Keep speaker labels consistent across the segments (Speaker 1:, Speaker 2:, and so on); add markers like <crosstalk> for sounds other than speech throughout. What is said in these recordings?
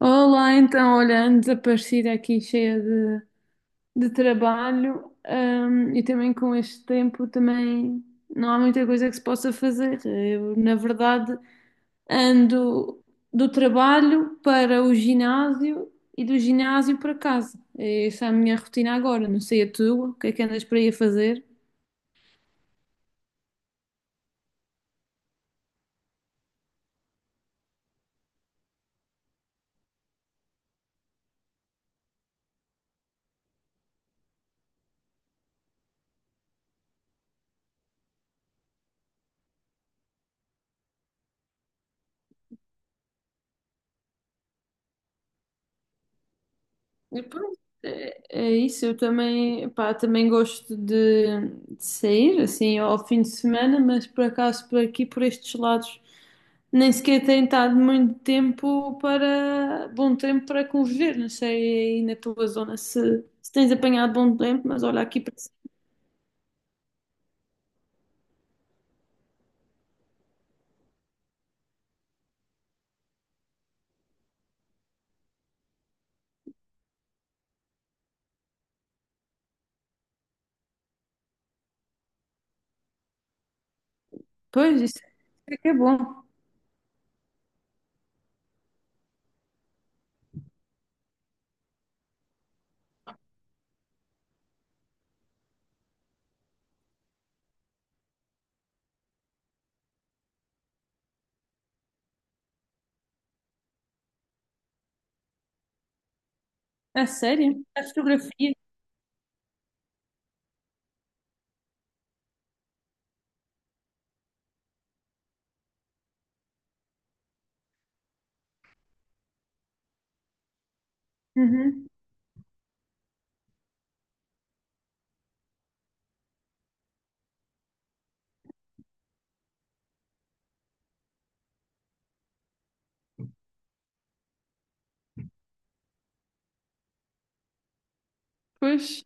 Speaker 1: Olá, então, olha, desaparecida aqui, cheia de trabalho, e também com este tempo também não há muita coisa que se possa fazer. Eu, na verdade, ando do trabalho para o ginásio e do ginásio para casa. Essa é a minha rotina agora, não sei a tua, o que é que andas para aí a fazer? E pronto, é isso. Eu também, pá, também gosto de sair assim ao fim de semana, mas por acaso por aqui, por estes lados, nem sequer tenho estado muito tempo para bom tempo para conviver. Não sei aí na tua zona se tens apanhado bom tempo, mas olha aqui para pois isso é que é bom. A sério? A fotografia? Uhum. Pois.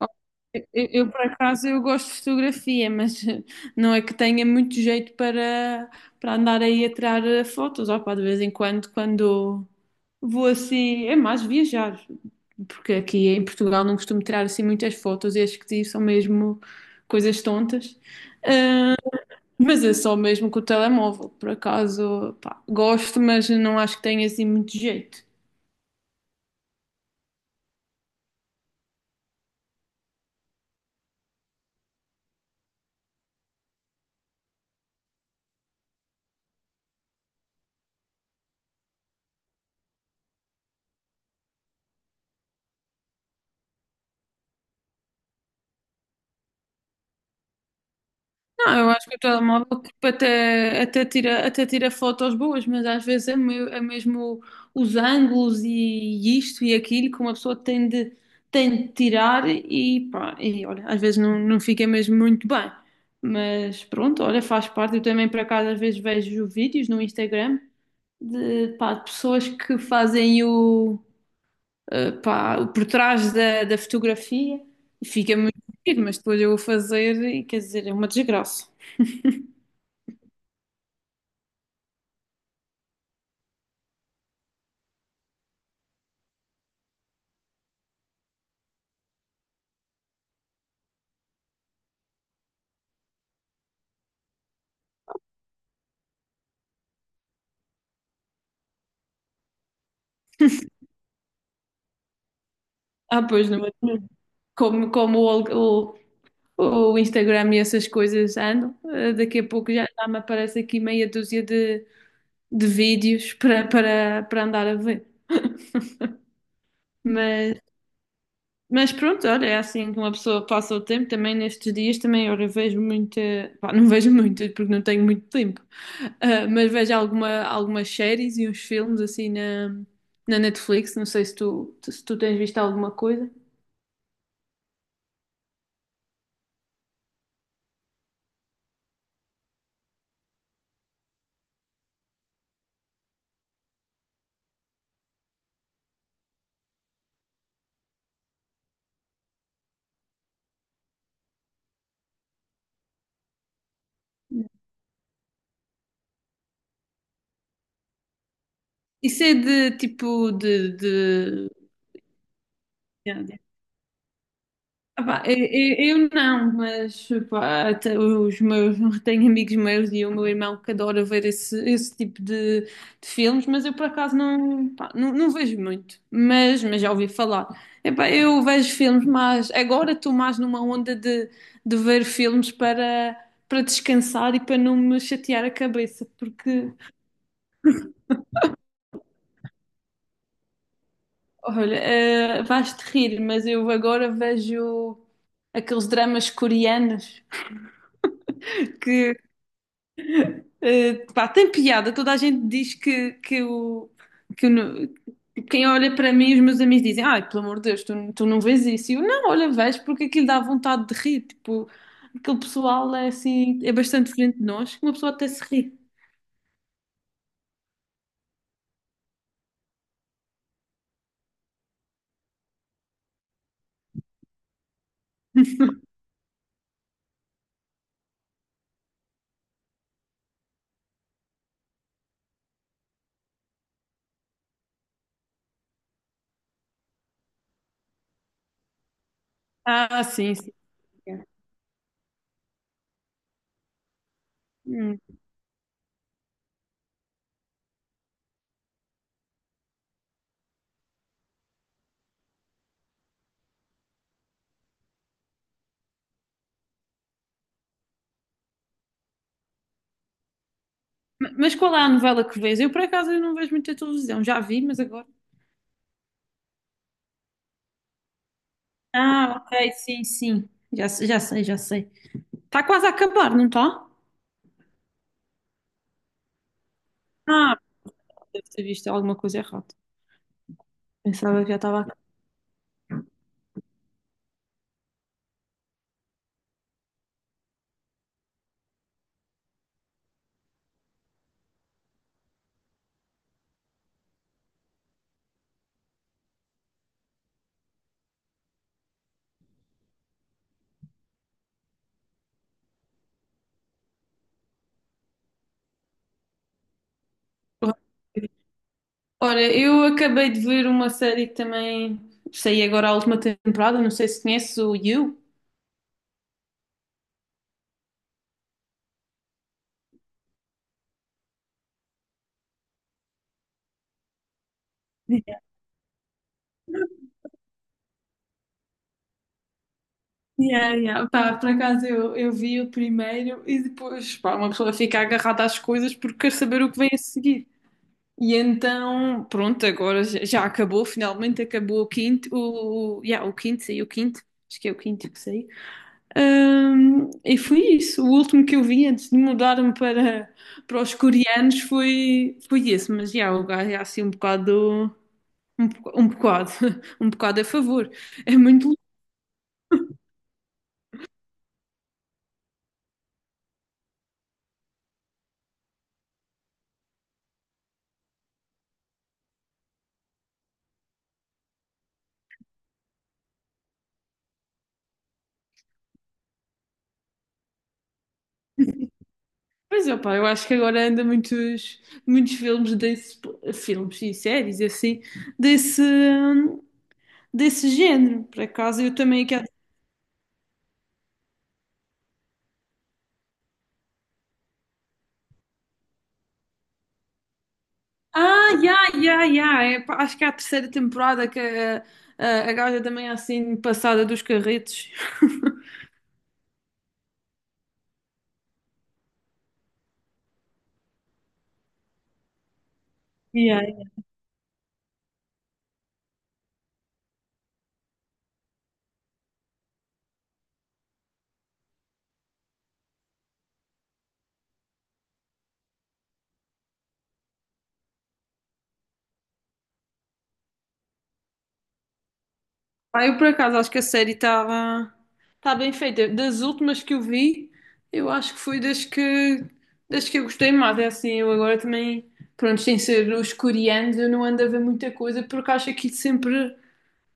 Speaker 1: Oh, eu por acaso, eu gosto de fotografia, mas não é que tenha muito jeito para andar aí a tirar fotos. Opa, de vez em quando, quando vou assim, é mais viajar, porque aqui em Portugal não costumo tirar assim muitas fotos e as que tiro são mesmo coisas tontas. Mas é só mesmo com o telemóvel, por acaso, pá, gosto, mas não acho que tenha assim muito jeito. Não, eu acho que o telemóvel tipo, até tira fotos boas, mas às vezes é, é mesmo os ângulos e isto e aquilo que uma pessoa tem de tirar e pá, e olha, às vezes não fica mesmo muito bem. Mas pronto, olha, faz parte. Eu também por acaso às vezes vejo vídeos no Instagram de, pá, de pessoas que fazem o por trás da fotografia e fica muito bonito, mas depois eu vou fazer e quer dizer, é uma desgraça. Ah, pois, não, como o, o, Instagram e essas coisas andam, daqui a pouco já me aparece aqui meia dúzia de vídeos para andar a ver. <laughs> Mas, mas pronto, olha, é assim que uma pessoa passa o tempo também nestes dias, também, olha, vejo muita, pá, não vejo muitas porque não tenho muito tempo, mas vejo alguma, algumas séries e uns filmes assim na Netflix, não sei se tu tens visto alguma coisa. Isso é de tipo de Yeah. Epá, eu não, mas epá, até os meus, <laughs> tenho amigos meus e o meu irmão que adora ver esse tipo de filmes, mas eu por acaso não, pá, não vejo muito, mas já ouvi falar. Epá, eu vejo filmes, mas agora estou mais numa onda de ver filmes para descansar e para não me chatear a cabeça, porque, olha, vais-te rir, mas eu agora vejo aqueles dramas coreanos que pá, tem piada, toda a gente diz que o quem olha para mim, os meus amigos dizem, ai, pelo amor de Deus, tu não vês isso. E eu, não, olha, vejo, porque aquilo dá vontade de rir, tipo, aquele pessoal é assim, é bastante diferente de nós, que uma pessoa até se ri. <laughs> Ah, sim, sim. Hum. Mas qual é a novela que vês? Eu, por acaso, eu não vejo muita televisão, já vi, mas agora... Ah, ok, sim, sim, já, já sei, já sei. Está quase a acabar, não está? Ah, deve ter visto alguma coisa errada. Pensava que já estava ora, eu acabei de ver uma série que também saiu agora a última temporada, não sei se conheces o You. Yeah, yeah. Pá, por acaso eu vi o primeiro e depois, pá, uma pessoa fica agarrada às coisas porque quer saber o que vem a seguir. E então, pronto, agora já acabou, finalmente acabou o quinto, o quinto, saiu o quinto, acho que é o quinto que saiu. E foi isso. O último que eu vi antes de mudar-me para os coreanos foi esse. Mas já, o gajo é assim um bocado, um, um bocado, <laughs> um bocado a favor. É muito louco. Mas opá, eu acho que agora anda muitos, muitos filmes desse, filmes e séries assim, desse, desse género. Por acaso eu também quero. Ah, já. É, pá, acho que é a terceira temporada que a gaja também é assim passada dos carretos. <laughs> E aí? Ah, eu por acaso acho que a série estava tá bem feita. Das últimas que eu vi, eu acho que foi das que eu gostei mais. É assim, eu agora também, pronto, sem ser os coreanos, eu não ando a ver muita coisa porque acho aquilo sempre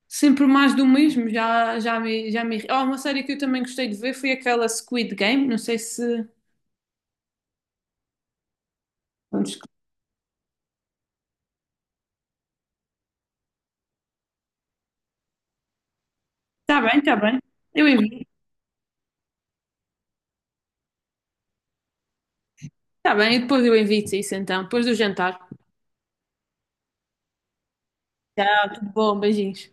Speaker 1: sempre mais do mesmo. Já já me já me. Oh, uma série que eu também gostei de ver foi aquela Squid Game. Não sei se está bem, está bem. Eu envio. Está bem, e depois eu envio-te isso então, depois do jantar. Tchau, tudo bom, beijinhos.